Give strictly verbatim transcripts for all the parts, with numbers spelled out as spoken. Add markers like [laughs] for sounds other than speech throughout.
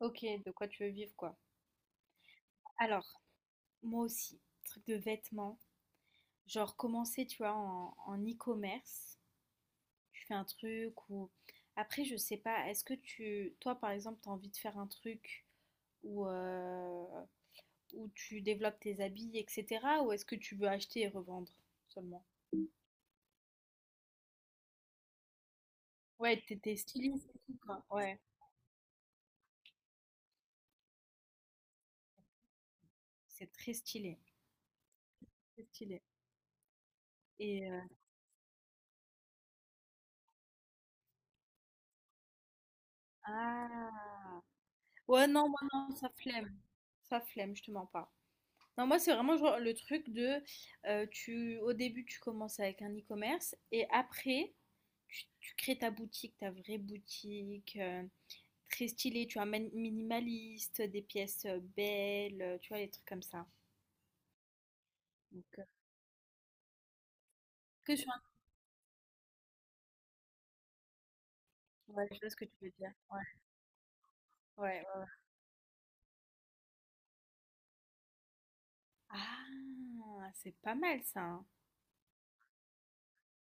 Ok, de quoi tu veux vivre, quoi. Alors, moi aussi, truc de vêtements. Genre, commencer, tu vois, en, en e-commerce. Tu fais un truc ou... Après, je sais pas, est-ce que tu... Toi, par exemple, t'as envie de faire un truc où, euh, où tu développes tes habits, et cetera. Ou est-ce que tu veux acheter et revendre seulement? Ouais, t'es t'es styliste et tout, quoi. Ouais, c'est très stylé. Très stylé. Et... euh, Ah... Ouais, non, moi, non, ça flemme. Ça flemme, je te mens pas. Non, moi, c'est vraiment genre le truc de, euh, tu, au début, tu commences avec un e-commerce et après, tu, tu crées ta boutique, ta vraie boutique, euh, très stylée, tu vois, min- minimaliste, des pièces euh, belles, euh, tu vois, les trucs comme ça. Donc, euh, que sur un- Ouais, je vois ce que tu veux dire. Ouais, ouais, ouais, ouais. Ah, c'est pas mal ça. Hein.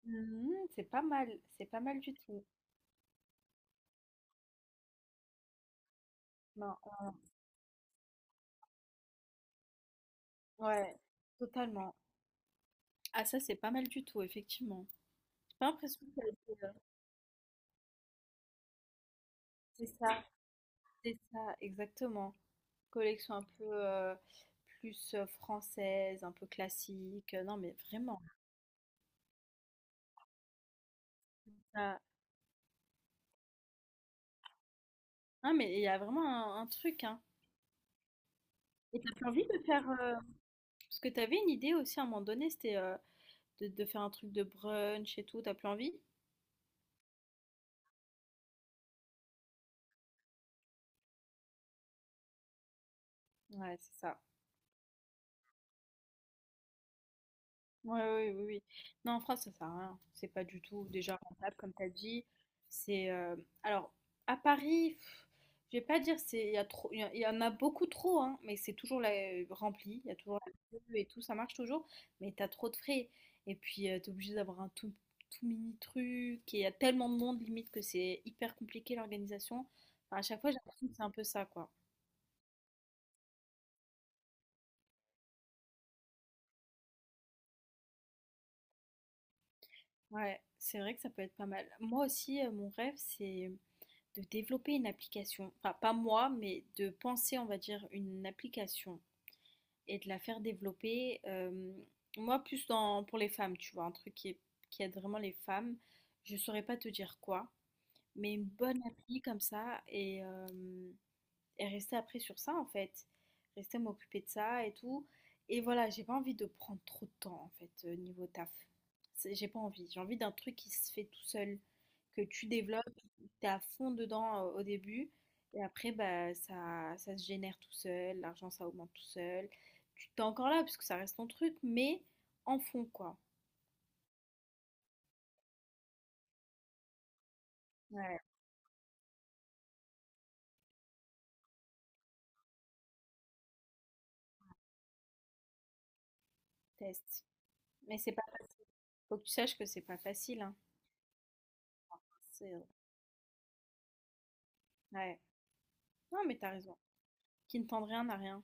Mhm, c'est pas mal, c'est pas mal du tout. Non, euh, ouais, totalement. Ah, ça, c'est pas mal du tout, effectivement. J'ai pas l'impression que ça a été, euh, c'est ça. C'est ça, exactement. Collection un peu, heu, plus, heu, française, un peu classique, euh, non mais vraiment, ça non mais il y a vraiment un un truc, hein. Et t'as plus envie de faire, heu parce que t'avais une idée aussi à un moment donné, c'était, heu, de de faire un truc de brunch et tout, t'as plus envie? Ouais, c'est ça. Ouais, oui, oui, oui. Non, en France, ça sert à rien. C'est pas du tout déjà rentable, comme tu as dit. C'est euh, Alors à Paris, pff, je vais pas dire c'est il y a trop, il y, a- il y en a beaucoup trop, hein, mais c'est toujours la, euh, rempli. Il y a toujours la queue et tout, ça marche toujours. Mais t'as trop de frais. Et puis tu t'es obligé d'avoir un tout, tout mini truc. Et il y a tellement de monde limite que c'est hyper compliqué l'organisation. Enfin, à chaque fois, j'ai l'impression que c'est un peu ça, quoi. Ouais, c'est vrai que ça peut être pas mal. Moi aussi, euh, mon rêve, c'est de développer une application, enfin pas moi, mais de penser, on va dire, une application et de la faire développer. Euh, moi, plus dans, pour les femmes, tu vois, un truc qui, est- qui aide vraiment les femmes. Je saurais pas te dire quoi, mais une bonne appli comme ça et euh, et rester après sur ça en fait. Rester m'occuper de ça et tout. Et voilà, j'ai pas envie de prendre trop de temps en fait euh, niveau taf. C'est- J'ai pas envie. J'ai envie d'un truc qui se fait tout seul, que tu développes, t'es à fond dedans euh, au début, et après bah ça ça se génère tout seul, l'argent ça augmente tout seul. Tu t'es encore là parce que ça reste ton truc mais en fond quoi. Ouais, test. Mais c'est pas facile. Faut que tu saches que c'est pas facile, hein. C'est Ouais. Non mais t'as raison. Qui ne tente rien n'a rien.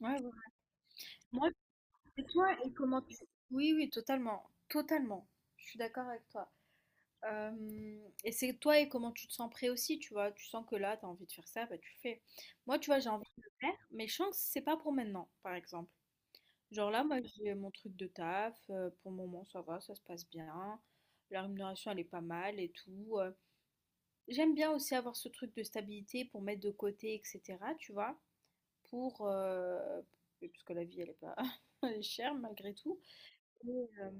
Ouais, ouais. Moi, et toi, et comment tu... Oui, oui, totalement, totalement. Je suis d'accord avec toi. Euh, et c'est toi et comment tu te sens prêt aussi, tu vois. Tu sens que là, tu as envie de faire ça, bah tu fais. Moi, tu vois, j'ai envie de le faire, mais je sens que c'est pas pour maintenant, par exemple. Genre là, moi, j'ai mon truc de taf. euh, pour le moment, ça va, ça se passe bien. La rémunération, elle est pas mal et tout. euh. J'aime bien aussi avoir ce truc de stabilité pour mettre de côté, et cetera, tu vois. Pour... euh, Parce que la vie, elle est pas... [laughs] elle est chère malgré tout. Et, euh,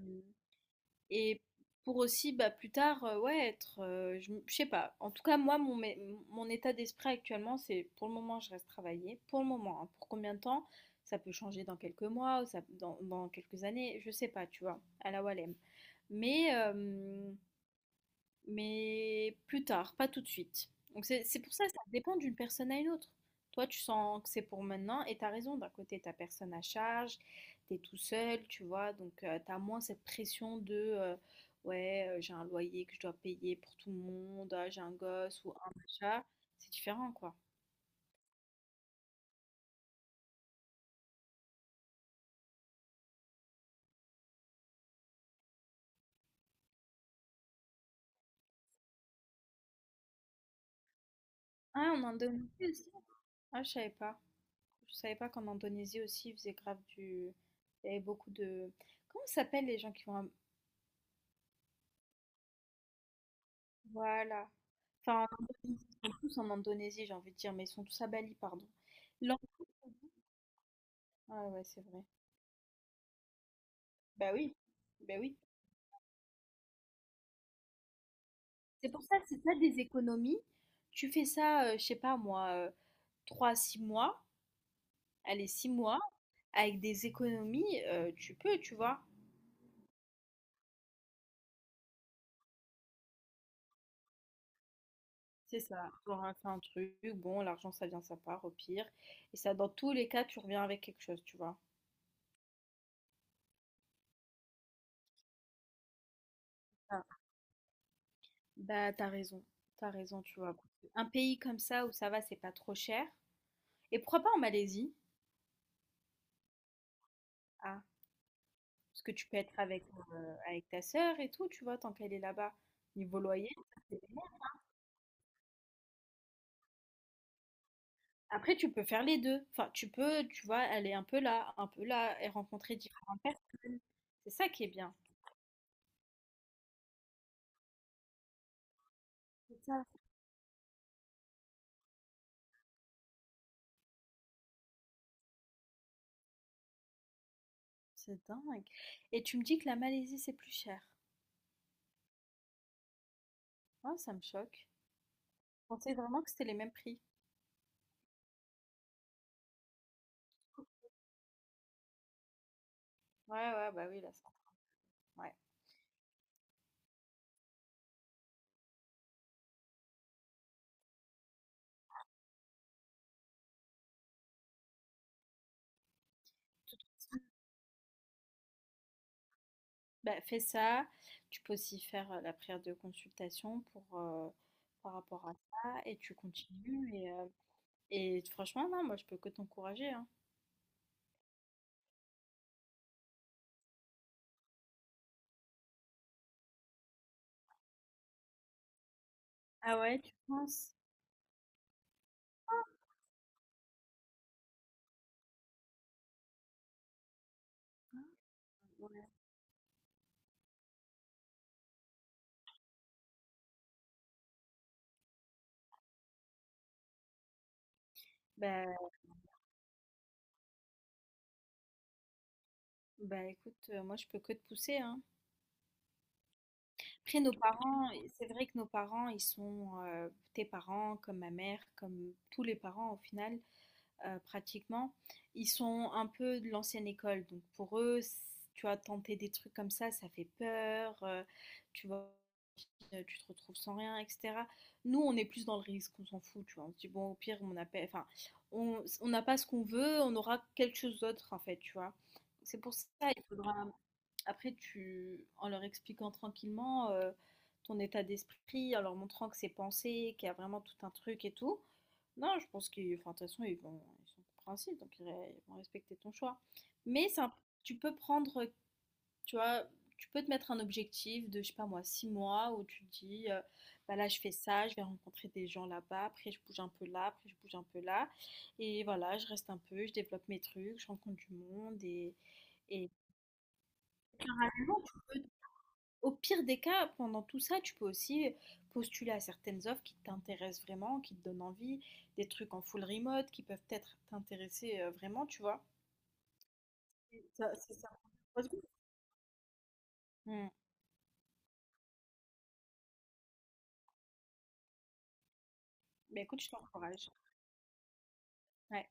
Et pour aussi, bah, plus tard, euh, ouais, être, euh, je je sais pas. En tout cas, moi, mon, mé- mon état d'esprit actuellement, c'est pour le moment, je reste travailler. Pour le moment, hein. Pour combien de temps? Ça peut changer dans quelques mois, ou ça, dans, dans quelques années, je sais pas, tu vois, à la Walem. Mais, euh, mais plus tard, pas tout de suite. Donc c'est c'est pour ça, ça dépend d'une personne à une autre. Toi, tu sens que c'est pour maintenant et t'as raison, d'un côté, t'as personne à charge, t'es tout seul, tu vois, donc tu t'as moins cette pression de, euh, ouais, euh, j'ai un loyer que je dois payer pour tout le monde, ah, j'ai un gosse ou un machin. C'est différent, quoi. Ah, en Indonésie aussi? Ah, je savais pas. Je savais pas qu'en Indonésie aussi, ils faisaient grave du... Il y avait beaucoup de... Comment ça s'appelle les gens qui vont. Un... Voilà. Enfin, tous en Indonésie, j'ai envie de dire, mais ils sont tous à Bali, pardon. L'en- Ah ouais, c'est vrai. Bah oui, bah oui. C'est pour ça, c'est pas des économies. Tu fais ça, euh, je sais pas moi, euh, trois à six mois, allez, six mois, avec des économies, euh, tu peux, tu vois. C'est ça. Tu auras fait un truc, bon, l'argent, ça vient, ça part, au pire. Et ça, dans tous les cas, tu reviens avec quelque chose, tu vois. Ah. Bah, t'as raison, t'as raison, tu vois. Un pays comme ça où ça va, c'est pas trop cher. Et pourquoi pas en Malaisie? Ah. Parce que tu peux être avec, euh, avec ta sœur et tout, tu vois, tant qu'elle est là-bas. Niveau loyer, ça, c'est bien. Après, tu peux faire les deux. Enfin, tu peux, tu vois, aller un peu là, un peu là, et rencontrer différentes personnes. C'est ça qui est bien. C'est ça. C'est dingue. Et tu me dis que la Malaisie, c'est plus cher. Oh, ça me choque. Je pensais vraiment que c'était les mêmes prix. Ouais, ouais, bah oui, là, ça. Ouais. Bah, fais ça. Tu peux aussi faire euh, la prière de consultation pour, euh, par rapport à ça. Et tu continues. Et, euh, Et franchement, non, moi, je peux que t'encourager, hein. Ah ouais, tu penses? Ouais. Bah, bah écoute, euh, moi je peux que te pousser, hein. Après nos parents, et c'est vrai que nos parents, ils sont euh, tes parents, comme ma mère, comme tous les parents au final, euh, pratiquement, ils sont un peu de l'ancienne école. Donc pour eux, tu as tenté des trucs comme ça, ça fait peur, euh, tu vois, euh, tu te retrouves sans rien, et cetera. Nous, on est plus dans le risque, on s'en fout, tu vois. On se dit, bon, au pire, on appelle, enfin, on on n'a pas ce qu'on veut, on aura quelque chose d'autre, en fait, tu vois. C'est pour ça, il faudra. Après, tu en leur expliquant tranquillement, heu, ton état d'esprit, en leur montrant que c'est pensé, qu'il y a vraiment tout un truc et tout. Non, je pense qu'ils enfin, de toute façon, ils vont ils sont compréhensifs, donc ils ré ils vont respecter ton choix. Mais c'est un tu peux prendre, tu vois, tu peux te mettre un objectif de, je sais pas moi, six mois où tu te dis, heu: «Bah, là, je fais ça, je vais rencontrer des gens là-bas, après je bouge un peu là, après je bouge un peu là et voilà, je reste un peu, je développe mes trucs, je rencontre du monde» et et au pire des cas, pendant tout ça, tu peux aussi postuler à certaines offres qui t'intéressent vraiment, qui te donnent envie, des trucs en full remote qui peuvent peut-être t'intéresser, heu, vraiment, tu vois? Et ça c'est ça. Mmh. Bah, écoute, je t'encourage. Ouais.